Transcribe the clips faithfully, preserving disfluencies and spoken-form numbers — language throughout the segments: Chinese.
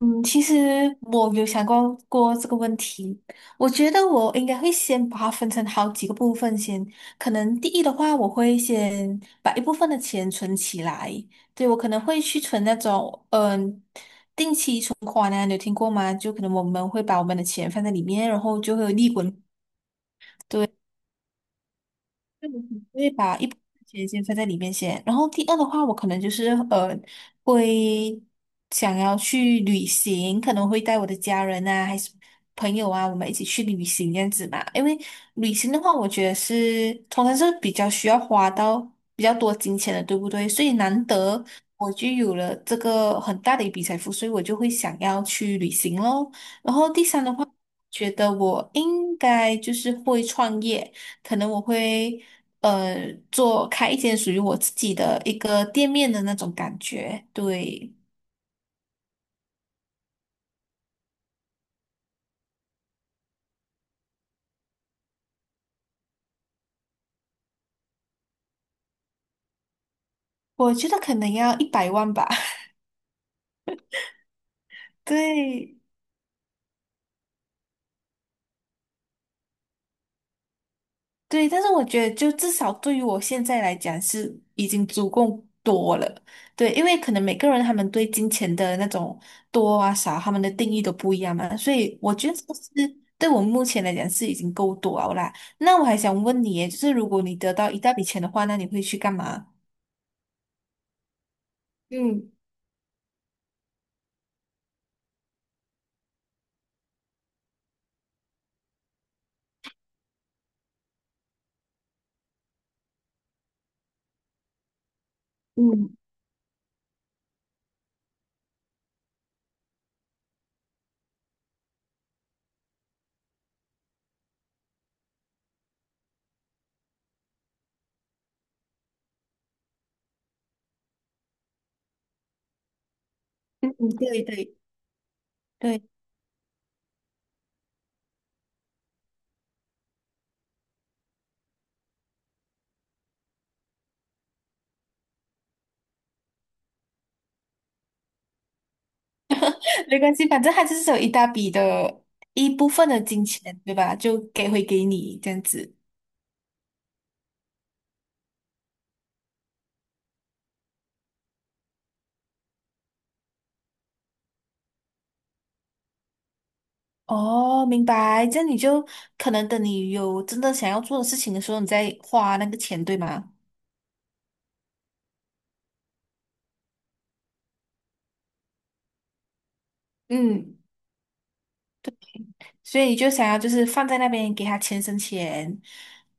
嗯，其实我有想过过这个问题，我觉得我应该会先把它分成好几个部分先。可能第一的话，我会先把一部分的钱存起来，对，我可能会去存那种嗯存款啊，你有听过吗？就可能我们会把我们的钱放在里面，然后就会有利滚。对。会把一部分钱先放在里面先。然后第二的话，我可能就是呃，会想要去旅行，可能会带我的家人啊，还是朋友啊，我们一起去旅行这样子嘛。因为旅行的话，我觉得是通常是比较需要花到比较多金钱的，对不对？所以难得我就有了这个很大的一笔财富，所以我就会想要去旅行咯。然后第三的话。觉得我应该就是会创业，可能我会呃做开一间属于我自己的一个店面的那种感觉。对，我觉得可能要一百万吧。对对，但是我觉得就至少对于我现在来讲是已经足够多了。对，因为可能每个人他们对金钱的那种多啊少，他们的定义都不一样嘛，所以我觉得这个是对我目前来讲是已经够多了啦。那我还想问你耶，就是如果你得到一大笔钱的话，那你会去干嘛？嗯嗯嗯嗯，对对对，没关系，反正他就是有一大笔的一部分的金钱，对吧？就给回给你这样子。哦，明白。这样你就可能等你有真的想要做的事情的时候，你再花那个钱，对吗？嗯，对。所以你就想要就是放在那边给他钱生钱。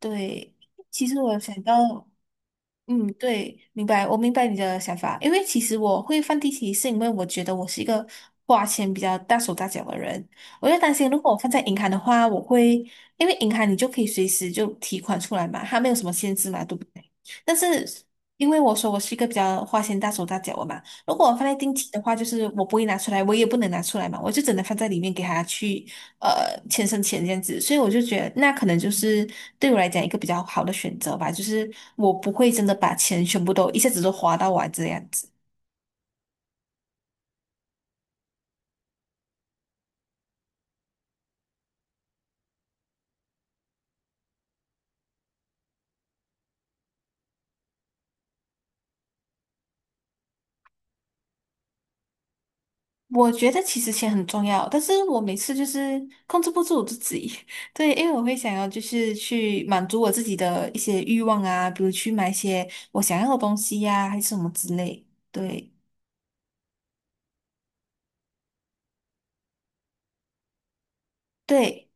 对，其实我有想到。嗯，对，明白，我明白你的想法。因为其实我会放地起，是因为我觉得我是一个花钱比较大手大脚的人。我就担心，如果我放在银行的话，我会因为银行你就可以随时就提款出来嘛，它没有什么限制嘛，对不对？但是因为我说我是一个比较花钱大手大脚的嘛，如果我放在定期的话，就是我不会拿出来，我也不能拿出来嘛，我就只能放在里面给他去呃钱生钱这样子，所以我就觉得那可能就是对我来讲一个比较好的选择吧，就是我不会真的把钱全部都一下子都花到完这样子。我觉得其实钱很重要，但是我每次就是控制不住我自己，对，因为我会想要就是去满足我自己的一些欲望啊，比如去买一些我想要的东西呀、还是什么之类，对对。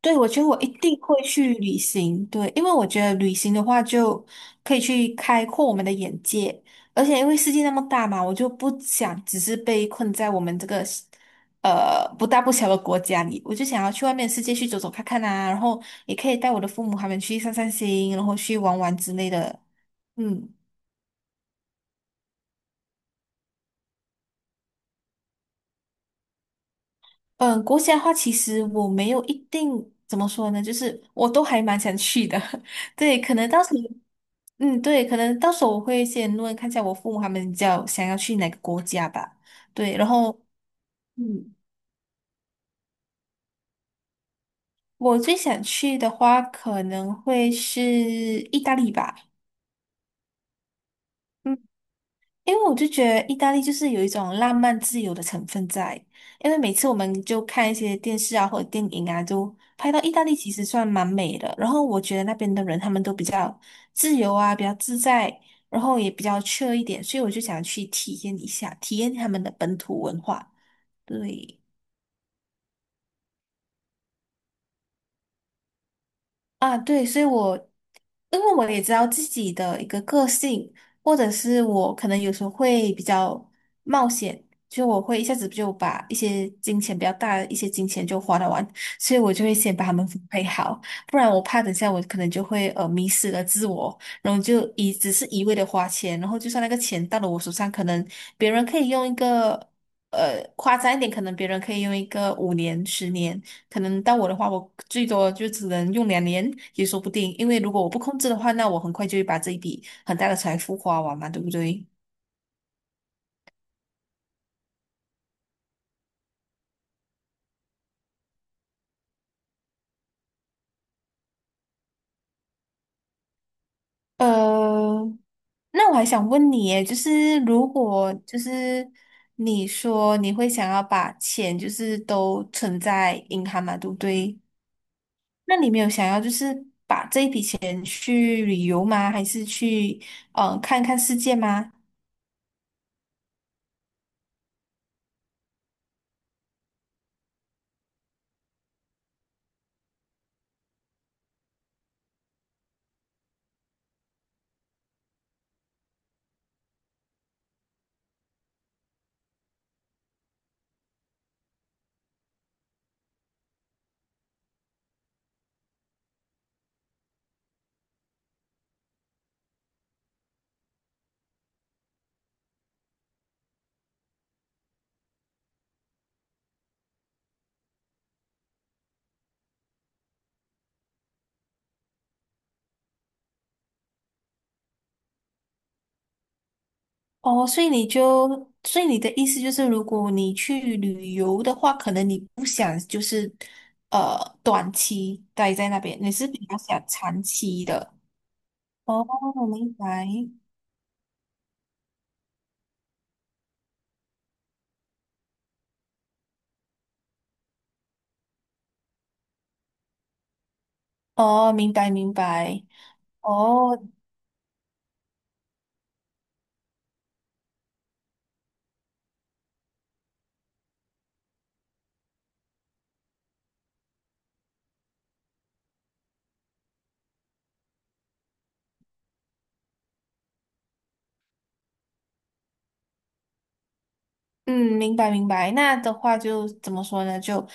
对，我觉得我一定会去旅行，对，因为我觉得旅行的话就可以去开阔我们的眼界，而且因为世界那么大嘛，我就不想只是被困在我们这个呃不大不小的国家里，我就想要去外面的世界去走走看看啊，然后也可以带我的父母他们去散散心，然后去玩玩之类的。嗯嗯，国家的话，其实我没有一定怎么说呢，就是我都还蛮想去的，对，可能到时候。嗯，对，可能到时候我会先问看一下我父母他们比较想要去哪个国家吧。对，然后嗯，我最想去的话可能会是意大利吧。嗯。因为我就觉得意大利就是有一种浪漫自由的成分在，因为每次我们就看一些电视啊或者电影啊，就拍到意大利其实算蛮美的。然后我觉得那边的人他们都比较自由啊，比较自在，然后也比较 c 一点，所以我就想去体验一下，体验他们的本土文化。对。啊，对，所以我，因为我也知道自己的一个个性，或者是我可能有时候会比较冒险，就我会一下子就把一些金钱比较大的一些金钱就花得完，所以我就会先把它们分配好，不然我怕等下我可能就会呃迷失了自我，然后就一只是一味的花钱，然后就算那个钱到了我手上，可能别人可以用一个呃夸张一点，可能别人可以用一个五年、十年。可能到我的话，我最多就只能用两年也说不定，因为如果我不控制的话，那我很快就会把这一笔很大的财富花完嘛，对不对？呃，那我还想问你耶，就是如果就是你说你会想要把钱就是都存在银行嘛，对不对？那你没有想要就是把这一笔钱去旅游吗？还是去嗯、呃看看世界吗？哦，所以你就，所以你的意思就是，如果你去旅游的话，可能你不想就是，呃，短期待在那边，你是比较想长期的。哦，明白。哦，明白明白。哦，嗯，明白明白。那的话就怎么说呢？就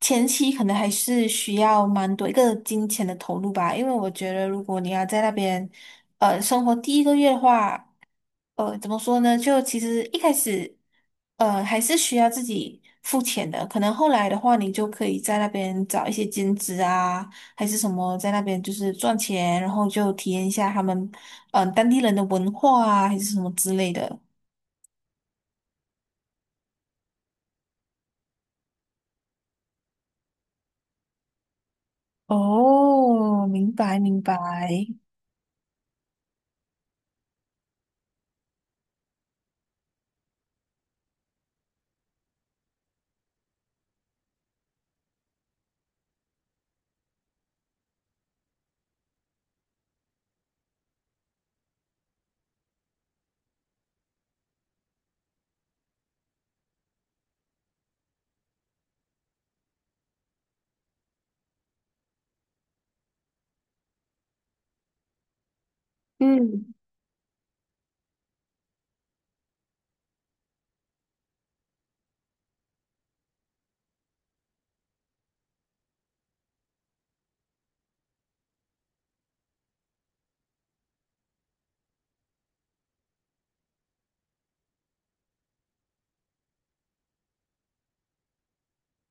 前期可能还是需要蛮多一个金钱的投入吧，因为我觉得如果你要在那边，呃，生活第一个月的话。呃，怎么说呢？就其实一开始，呃，还是需要自己付钱的。可能后来的话，你就可以在那边找一些兼职啊，还是什么，在那边就是赚钱，然后就体验一下他们，嗯、当地人的文化啊，还是什么之类的。哦，明白明白。嗯。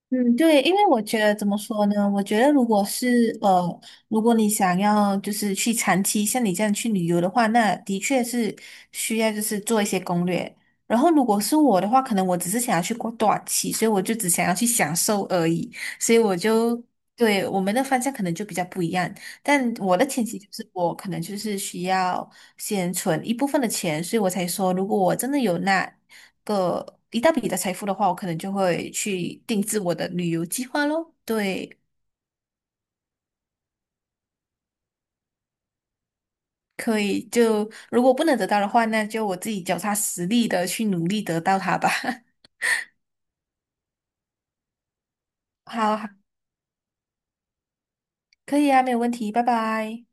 嗯，对，因为我觉得怎么说呢？我觉得如果是呃，如果你想要就是去长期像你这样去旅游的话，那的确是需要就是做一些攻略。然后如果是我的话，可能我只是想要去过短期，所以我就只想要去享受而已。所以我就，对，我们的方向可能就比较不一样。但我的前提就是我可能就是需要先存一部分的钱，所以我才说，如果我真的有那个一大笔的财富的话，我可能就会去定制我的旅游计划咯。对，可以，就如果不能得到的话，那就我自己脚踏实地的去努力得到它吧。好好，可以啊，没有问题，拜拜。